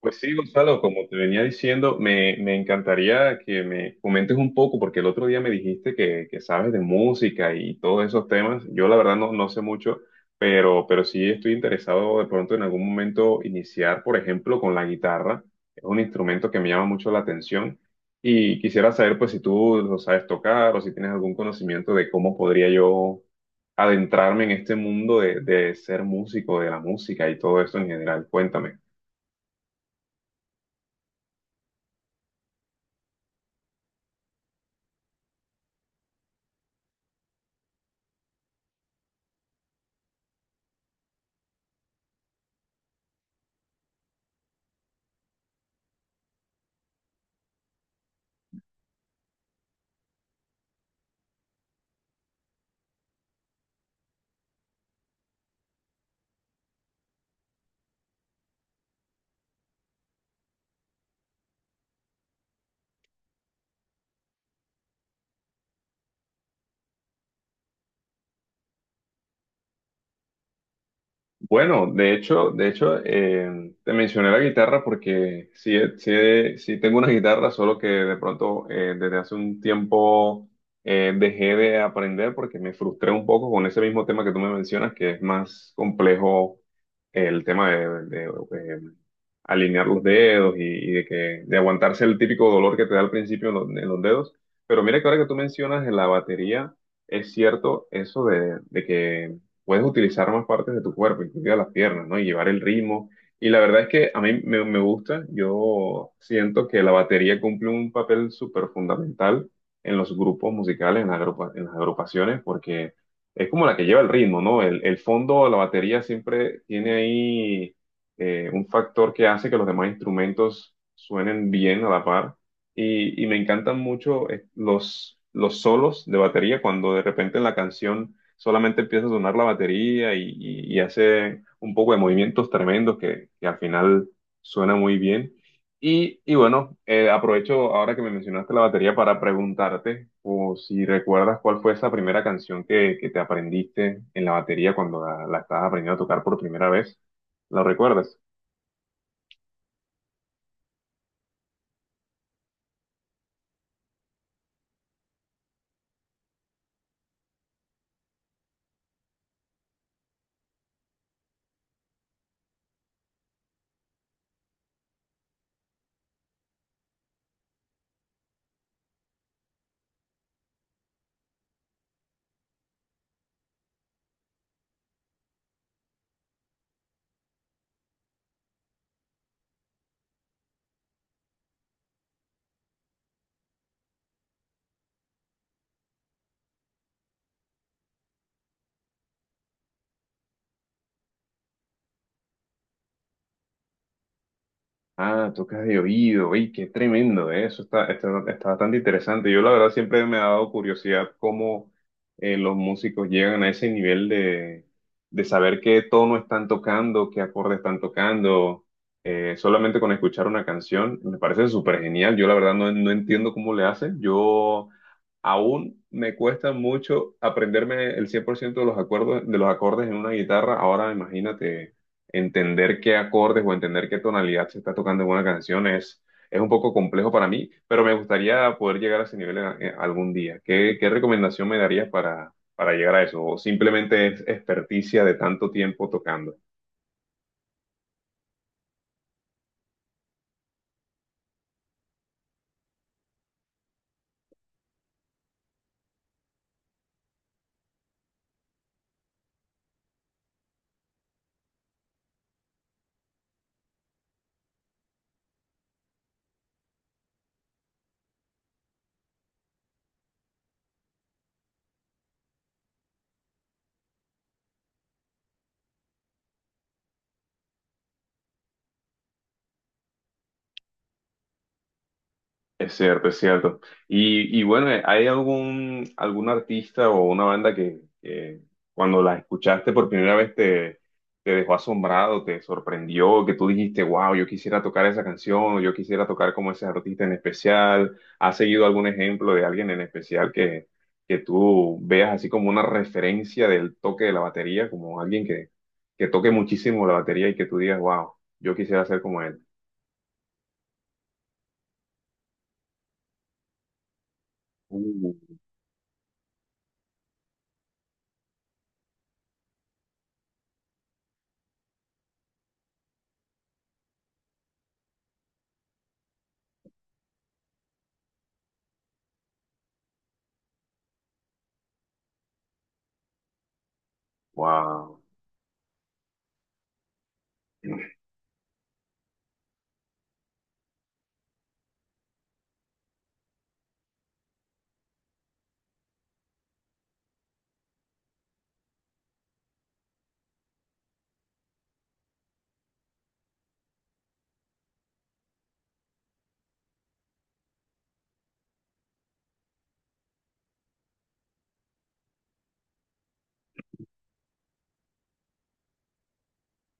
Pues sí, Gonzalo, como te venía diciendo, me encantaría que me comentes un poco, porque el otro día me dijiste que sabes de música y todos esos temas. Yo la verdad no sé mucho, pero sí estoy interesado de pronto en algún momento iniciar, por ejemplo, con la guitarra. Es un instrumento que me llama mucho la atención y quisiera saber pues si tú lo sabes tocar o si tienes algún conocimiento de cómo podría yo adentrarme en este mundo de ser músico, de la música y todo eso en general. Cuéntame. Bueno, de hecho, te mencioné la guitarra porque sí, sí tengo una guitarra, solo que de pronto desde hace un tiempo dejé de aprender porque me frustré un poco con ese mismo tema que tú me mencionas, que es más complejo el tema de alinear los dedos y de que de aguantarse el típico dolor que te da al principio en en los dedos. Pero mira que ahora que tú mencionas la batería, es cierto eso de que puedes utilizar más partes de tu cuerpo, incluidas las piernas, ¿no? Y llevar el ritmo. Y la verdad es que a mí me gusta, yo siento que la batería cumple un papel súper fundamental en los grupos musicales, en en las agrupaciones, porque es como la que lleva el ritmo, ¿no? El fondo, la batería siempre tiene ahí un factor que hace que los demás instrumentos suenen bien a la par. Y me encantan mucho los solos de batería cuando de repente en la canción solamente empieza a sonar la batería y hace un poco de movimientos tremendos que al final suena muy bien. Y bueno, aprovecho ahora que me mencionaste la batería para preguntarte o si recuerdas cuál fue esa primera canción que te aprendiste en la batería cuando la estabas aprendiendo a tocar por primera vez. ¿La recuerdas? Ah, tocas de oído. ¡Ey, qué tremendo, eh! Eso está bastante interesante. Yo la verdad siempre me ha dado curiosidad cómo los músicos llegan a ese nivel de saber qué tono están tocando, qué acorde están tocando, solamente con escuchar una canción. Me parece súper genial. Yo la verdad no entiendo cómo le hacen. Yo aún me cuesta mucho aprenderme el 100% de los acuerdos, de los acordes en una guitarra. Ahora imagínate entender qué acordes o entender qué tonalidad se está tocando en una canción es un poco complejo para mí, pero me gustaría poder llegar a ese nivel en algún día. ¿Qué recomendación me darías para llegar a eso? ¿O simplemente es experticia de tanto tiempo tocando? Es cierto. Y bueno, ¿hay algún artista o una banda que cuando la escuchaste por primera vez te dejó asombrado, te sorprendió, que tú dijiste, wow, yo quisiera tocar esa canción, o yo quisiera tocar como ese artista en especial? ¿Has seguido algún ejemplo de alguien en especial que tú veas así como una referencia del toque de la batería, como alguien que toque muchísimo la batería y que tú digas, wow, yo quisiera ser como él? Uh, wow.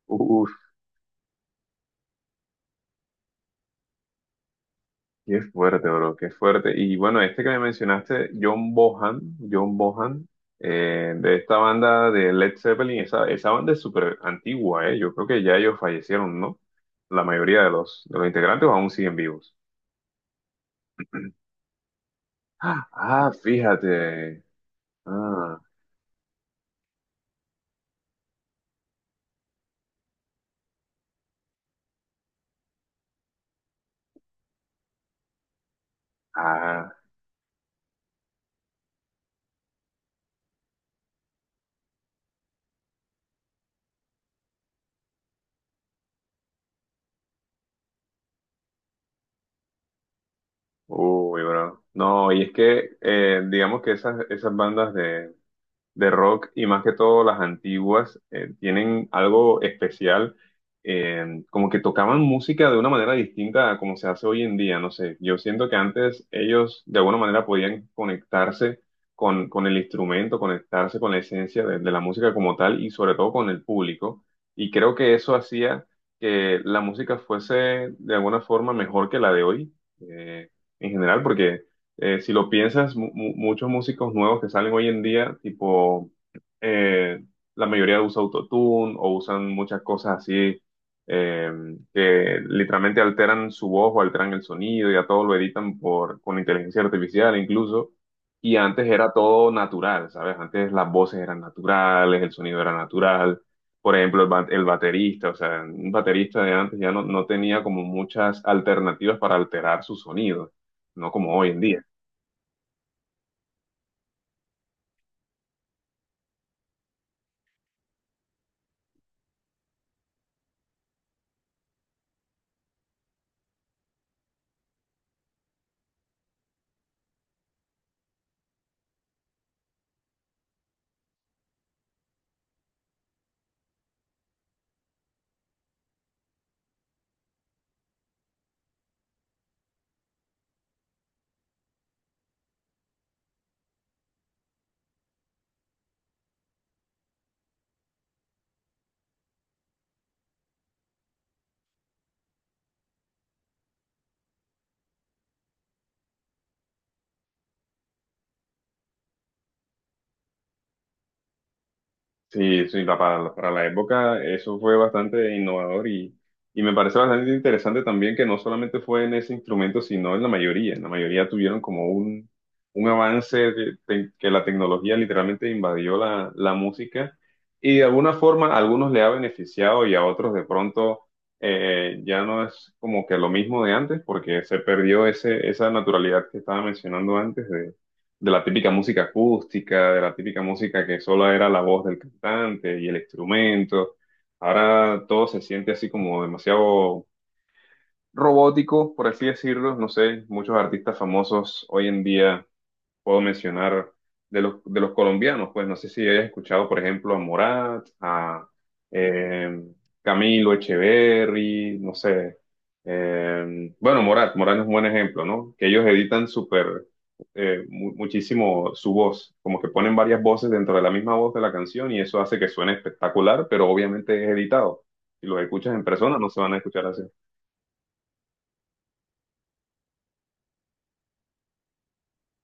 Uf, qué fuerte, bro, qué fuerte. Y bueno, este que me mencionaste, John Bohan, de esta banda de Led Zeppelin, esa banda es súper antigua, eh. Yo creo que ya ellos fallecieron, ¿no? La mayoría de de los integrantes aún siguen vivos. Fíjate. Ah, ah, uy, bro. No, y es que digamos que esas bandas de rock y más que todo las antiguas tienen algo especial, como que tocaban música de una manera distinta a como se hace hoy en día, no sé, yo siento que antes ellos de alguna manera podían conectarse con el instrumento, conectarse con la esencia de la música como tal y sobre todo con el público y creo que eso hacía que la música fuese de alguna forma mejor que la de hoy eh, en general porque si lo piensas, muchos músicos nuevos que salen hoy en día, tipo, eh, la mayoría usa autotune o usan muchas cosas así eh, que literalmente alteran su voz o alteran el sonido, ya todo lo editan con inteligencia artificial incluso. Y antes era todo natural, ¿sabes? Antes las voces eran naturales, el sonido era natural. Por ejemplo, el baterista, o sea, un baterista de antes ya no tenía como muchas alternativas para alterar su sonido, no como hoy en día. Para la época eso fue bastante innovador y me parece bastante interesante también que no solamente fue en ese instrumento, sino en la mayoría. En la mayoría tuvieron como un avance que la tecnología literalmente invadió la música y de alguna forma a algunos le ha beneficiado y a otros de pronto ya no es como que lo mismo de antes porque se perdió esa naturalidad que estaba mencionando antes de la típica música acústica, de la típica música que solo era la voz del cantante y el instrumento. Ahora todo se siente así como demasiado robótico, por así decirlo. No sé, muchos artistas famosos hoy en día puedo mencionar de de los colombianos, pues no sé si hayas escuchado, por ejemplo, a Morat, a eh, Camilo Echeverry, no sé. Bueno, Morat es un buen ejemplo, ¿no? Que ellos editan súper, muchísimo su voz, como que ponen varias voces dentro de la misma voz de la canción y eso hace que suene espectacular, pero obviamente es editado. Si los escuchas en persona no se van a escuchar así.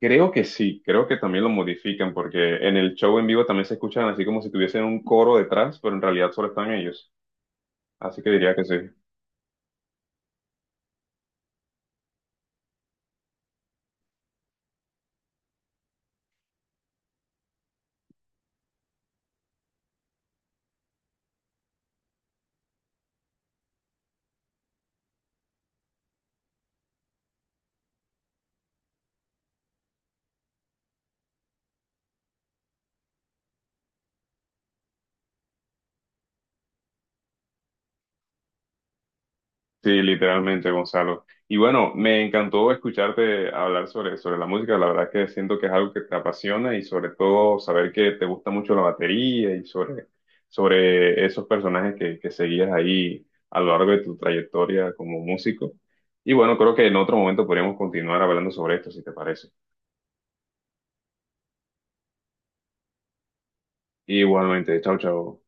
Creo que sí, creo que también lo modifican porque en el show en vivo también se escuchan así como si tuviesen un coro detrás, pero en realidad solo están ellos. Así que diría que sí. Sí, literalmente, Gonzalo. Y bueno, me encantó escucharte hablar sobre la música. La verdad que siento que es algo que te apasiona y sobre todo saber que te gusta mucho la batería y sobre esos personajes que seguías ahí a lo largo de tu trayectoria como músico. Y bueno, creo que en otro momento podríamos continuar hablando sobre esto, si te parece. Igualmente, chao, chao.